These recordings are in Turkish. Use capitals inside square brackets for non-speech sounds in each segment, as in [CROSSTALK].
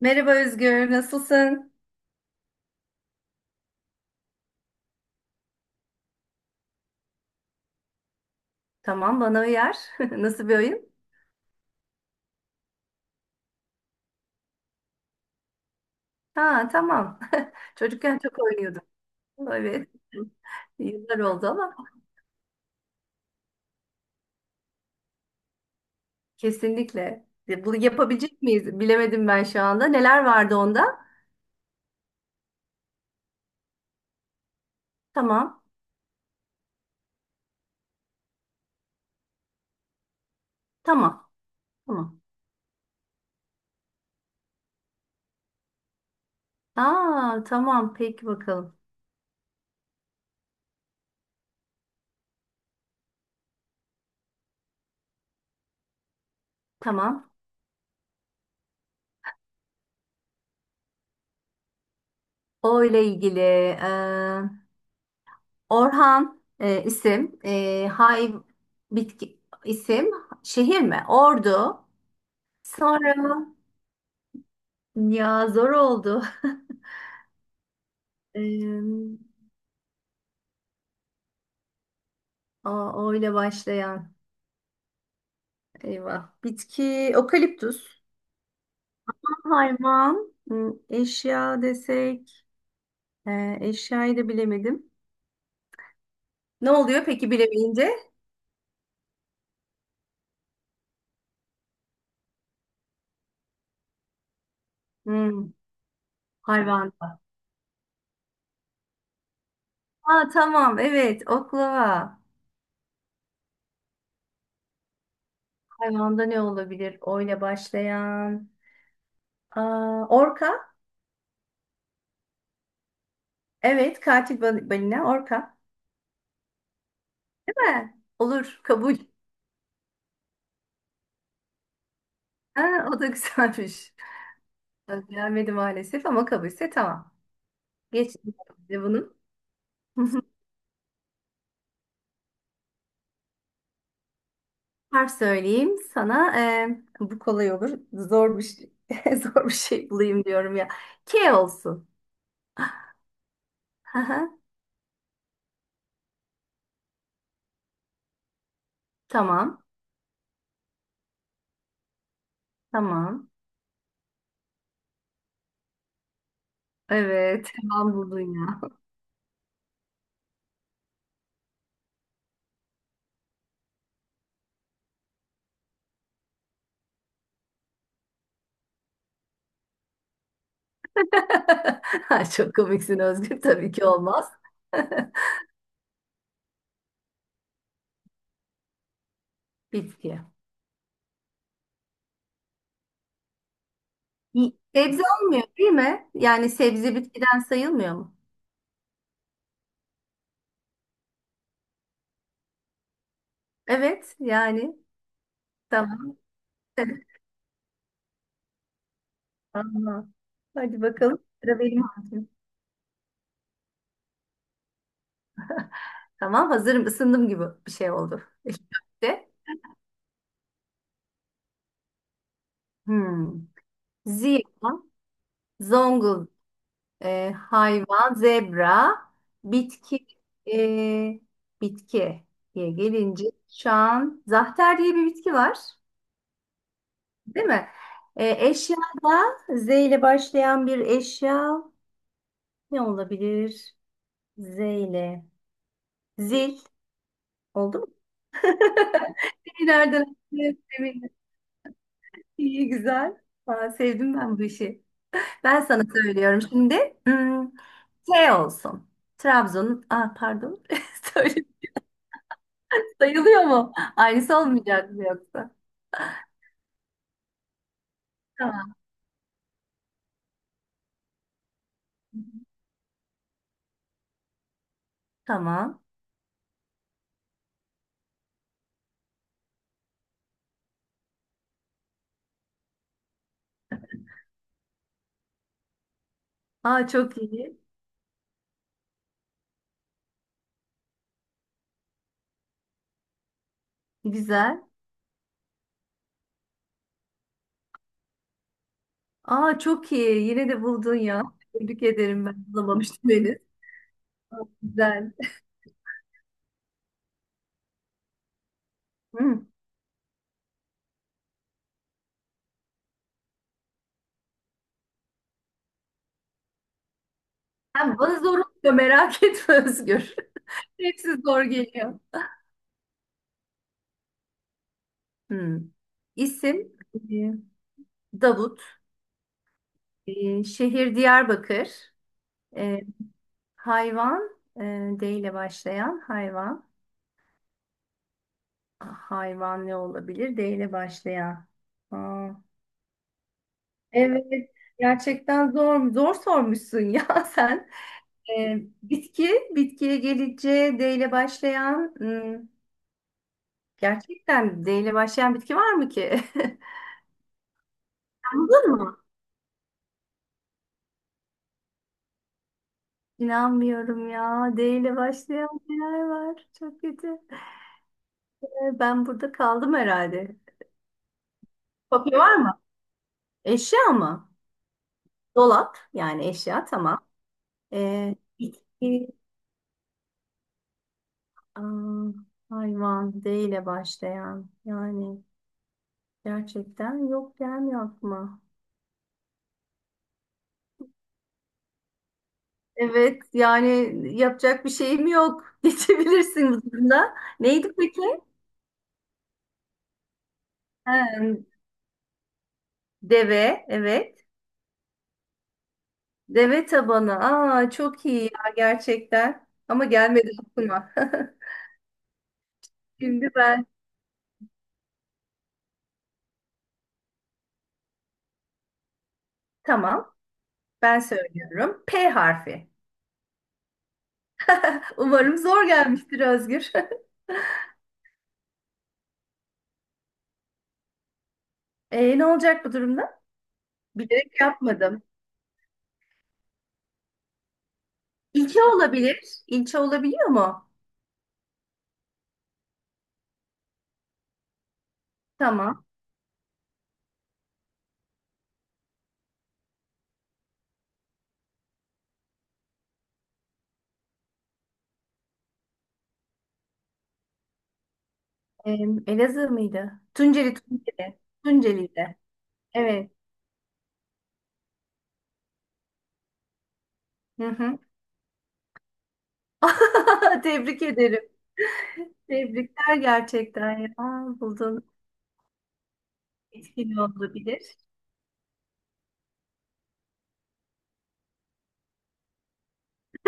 Merhaba Özgür, nasılsın? Tamam, bana uyar. [LAUGHS] Nasıl bir oyun? Ha, tamam. [LAUGHS] Çocukken çok oynuyordum. Evet. [LAUGHS] Yıllar oldu ama kesinlikle. Bunu yapabilecek miyiz? Bilemedim ben şu anda. Neler vardı onda? Tamam. Tamam. Tamam. Aa, tamam. Peki bakalım. Tamam. O ile ilgili Orhan isim, e, hay bitki isim, şehir mi? Ordu. Sonra ya zor oldu. [LAUGHS] Eee A, O ile başlayan. Eyvah. Bitki, okaliptüs. Hayvan, hmm, eşya desek. Eşyayı da bilemedim. Ne oluyor peki bilemeyince? Hmm, hayvan. Aa, tamam evet oklava. Hayvanda ne olabilir? O ile başlayan. Aa, orka. Evet katil balina orka. Değil mi? Olur kabul. Ha, o da güzelmiş. Gelmedi maalesef ama kabulse tamam. Geçelim şimdi bunu. [LAUGHS] Harf söyleyeyim sana. Bu kolay olur. Zor bir şey, [LAUGHS] zor bir şey bulayım diyorum ya. K olsun. Aha, tamam. Tamam. Evet. [LAUGHS] Tamam buldun ya. [LAUGHS] Ha, çok komiksin Özgür. Tabii ki olmaz. [LAUGHS] Bitki. Sebze olmuyor değil mi? Yani sebze bitkiden sayılmıyor mu? Evet. Yani. Tamam. [LAUGHS] Tamam. Hadi bakalım. Sıra benim. Tamam hazırım ısındım gibi bir şey oldu. İlk köfte. Hmm. Ziya, Zongul, hayvan, zebra, bitki, e, bitki diye gelince şu an zahter diye bir bitki var. Değil mi? E, eşyada Z ile başlayan bir eşya ne olabilir? Z ile. Zil. Oldu mu? [LAUGHS] Nereden? Evet, evet. İyi güzel. Aa, sevdim ben bu işi. Ben sana söylüyorum şimdi. Hmm, şey olsun. Trabzon'un, ah pardon. [LAUGHS] Söyle, sayılıyor mu? Aynısı olmayacak mı yoksa? Tamam. Tamam. Aa çok iyi. Güzel. Aa çok iyi. Yine de buldun ya. Tebrik ederim ben bulamamıştım henüz. Güzel. Hmm. Sen bana zor oluyor merak etme Özgür. [LAUGHS] Hepsi zor geliyor. Hmm. İsim Davut. Şehir Diyarbakır. Ee, Hayvan, e, D ile başlayan hayvan. Ah, hayvan ne olabilir? D ile başlayan. Aa, evet, gerçekten zor, zor sormuşsun ya [LAUGHS] sen. E, Bitki, bitkiye gelince D ile başlayan, hmm, gerçekten D ile başlayan bitki var mı ki? [LAUGHS] Anladın mı? İnanmıyorum ya. D ile başlayan neler var? Çok kötü. Ben burada kaldım herhalde. Kopya var mı? Eşya mı? Dolap, yani eşya tamam. Bitki aa, hayvan D ile başlayan yani gerçekten yok gelmiyor aklıma. Evet yani yapacak bir şeyim yok. [LAUGHS] Geçebilirsiniz bunda. Neydi peki? Ha, deve evet. Deve tabanı. Aa çok iyi ya gerçekten. Ama gelmedi aklıma. [LAUGHS] Şimdi ben tamam ben söylüyorum. P harfi. Umarım zor gelmiştir Özgür. [LAUGHS] Ne olacak bu durumda? Bilerek yapmadım. İlçe olabilir. İlçe olabiliyor mu? Tamam. Ee, Elazığ mıydı? Tunceli. Tunceli'de. Evet. Hı hı. [LAUGHS] Tebrik ederim. Tebrikler gerçekten ya. Aa, buldun. Etkili olabilir.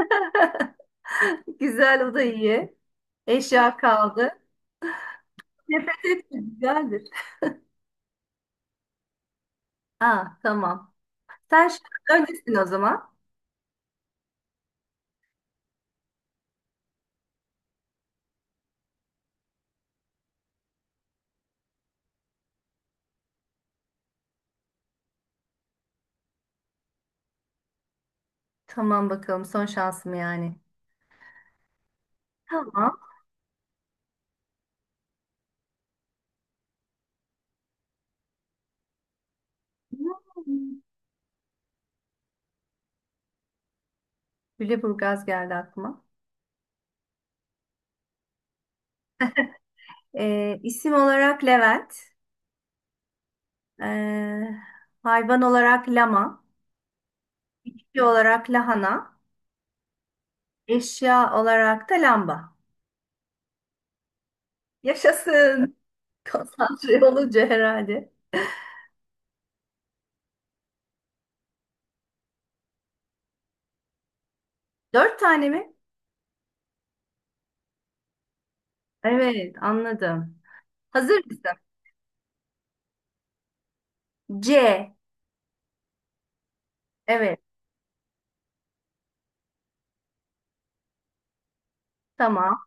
[LAUGHS] Güzel o da iyi. Eşya kaldı. Nefes etme güzeldir. Aa, tamam. Sen şu an öndesin o zaman. Tamam bakalım son şansım yani. Tamam. Hmm. Lüleburgaz geldi aklıma. İsim olarak Levent, ee, hayvan olarak lama, bitki olarak lahana, eşya olarak da lamba. Yaşasın. [LAUGHS] Konsantre olunca herhalde. Dört tane mi? Evet, anladım. Hazır mısın? C. Evet, tamam.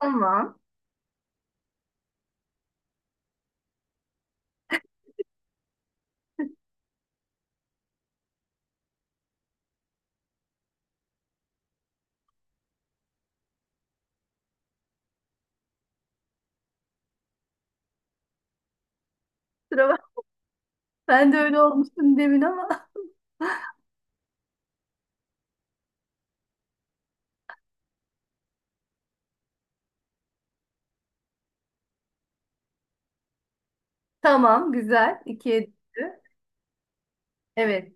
Tamam. Sıra bak. [LAUGHS] Ben de öyle olmuştum demin ama. [LAUGHS] Tamam, güzel. İkiye düştü. Evet.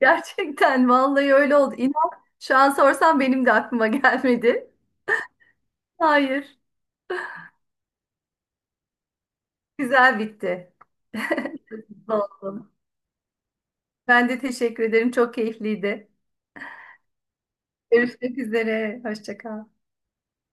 Gerçekten vallahi öyle oldu. İnan şu an sorsam benim de aklıma [LAUGHS] gelmedi. Hayır. Güzel bitti. [LAUGHS] Mutlu oldum. Ben de teşekkür ederim. Çok keyifliydi. Görüşmek üzere. Hoşça kal.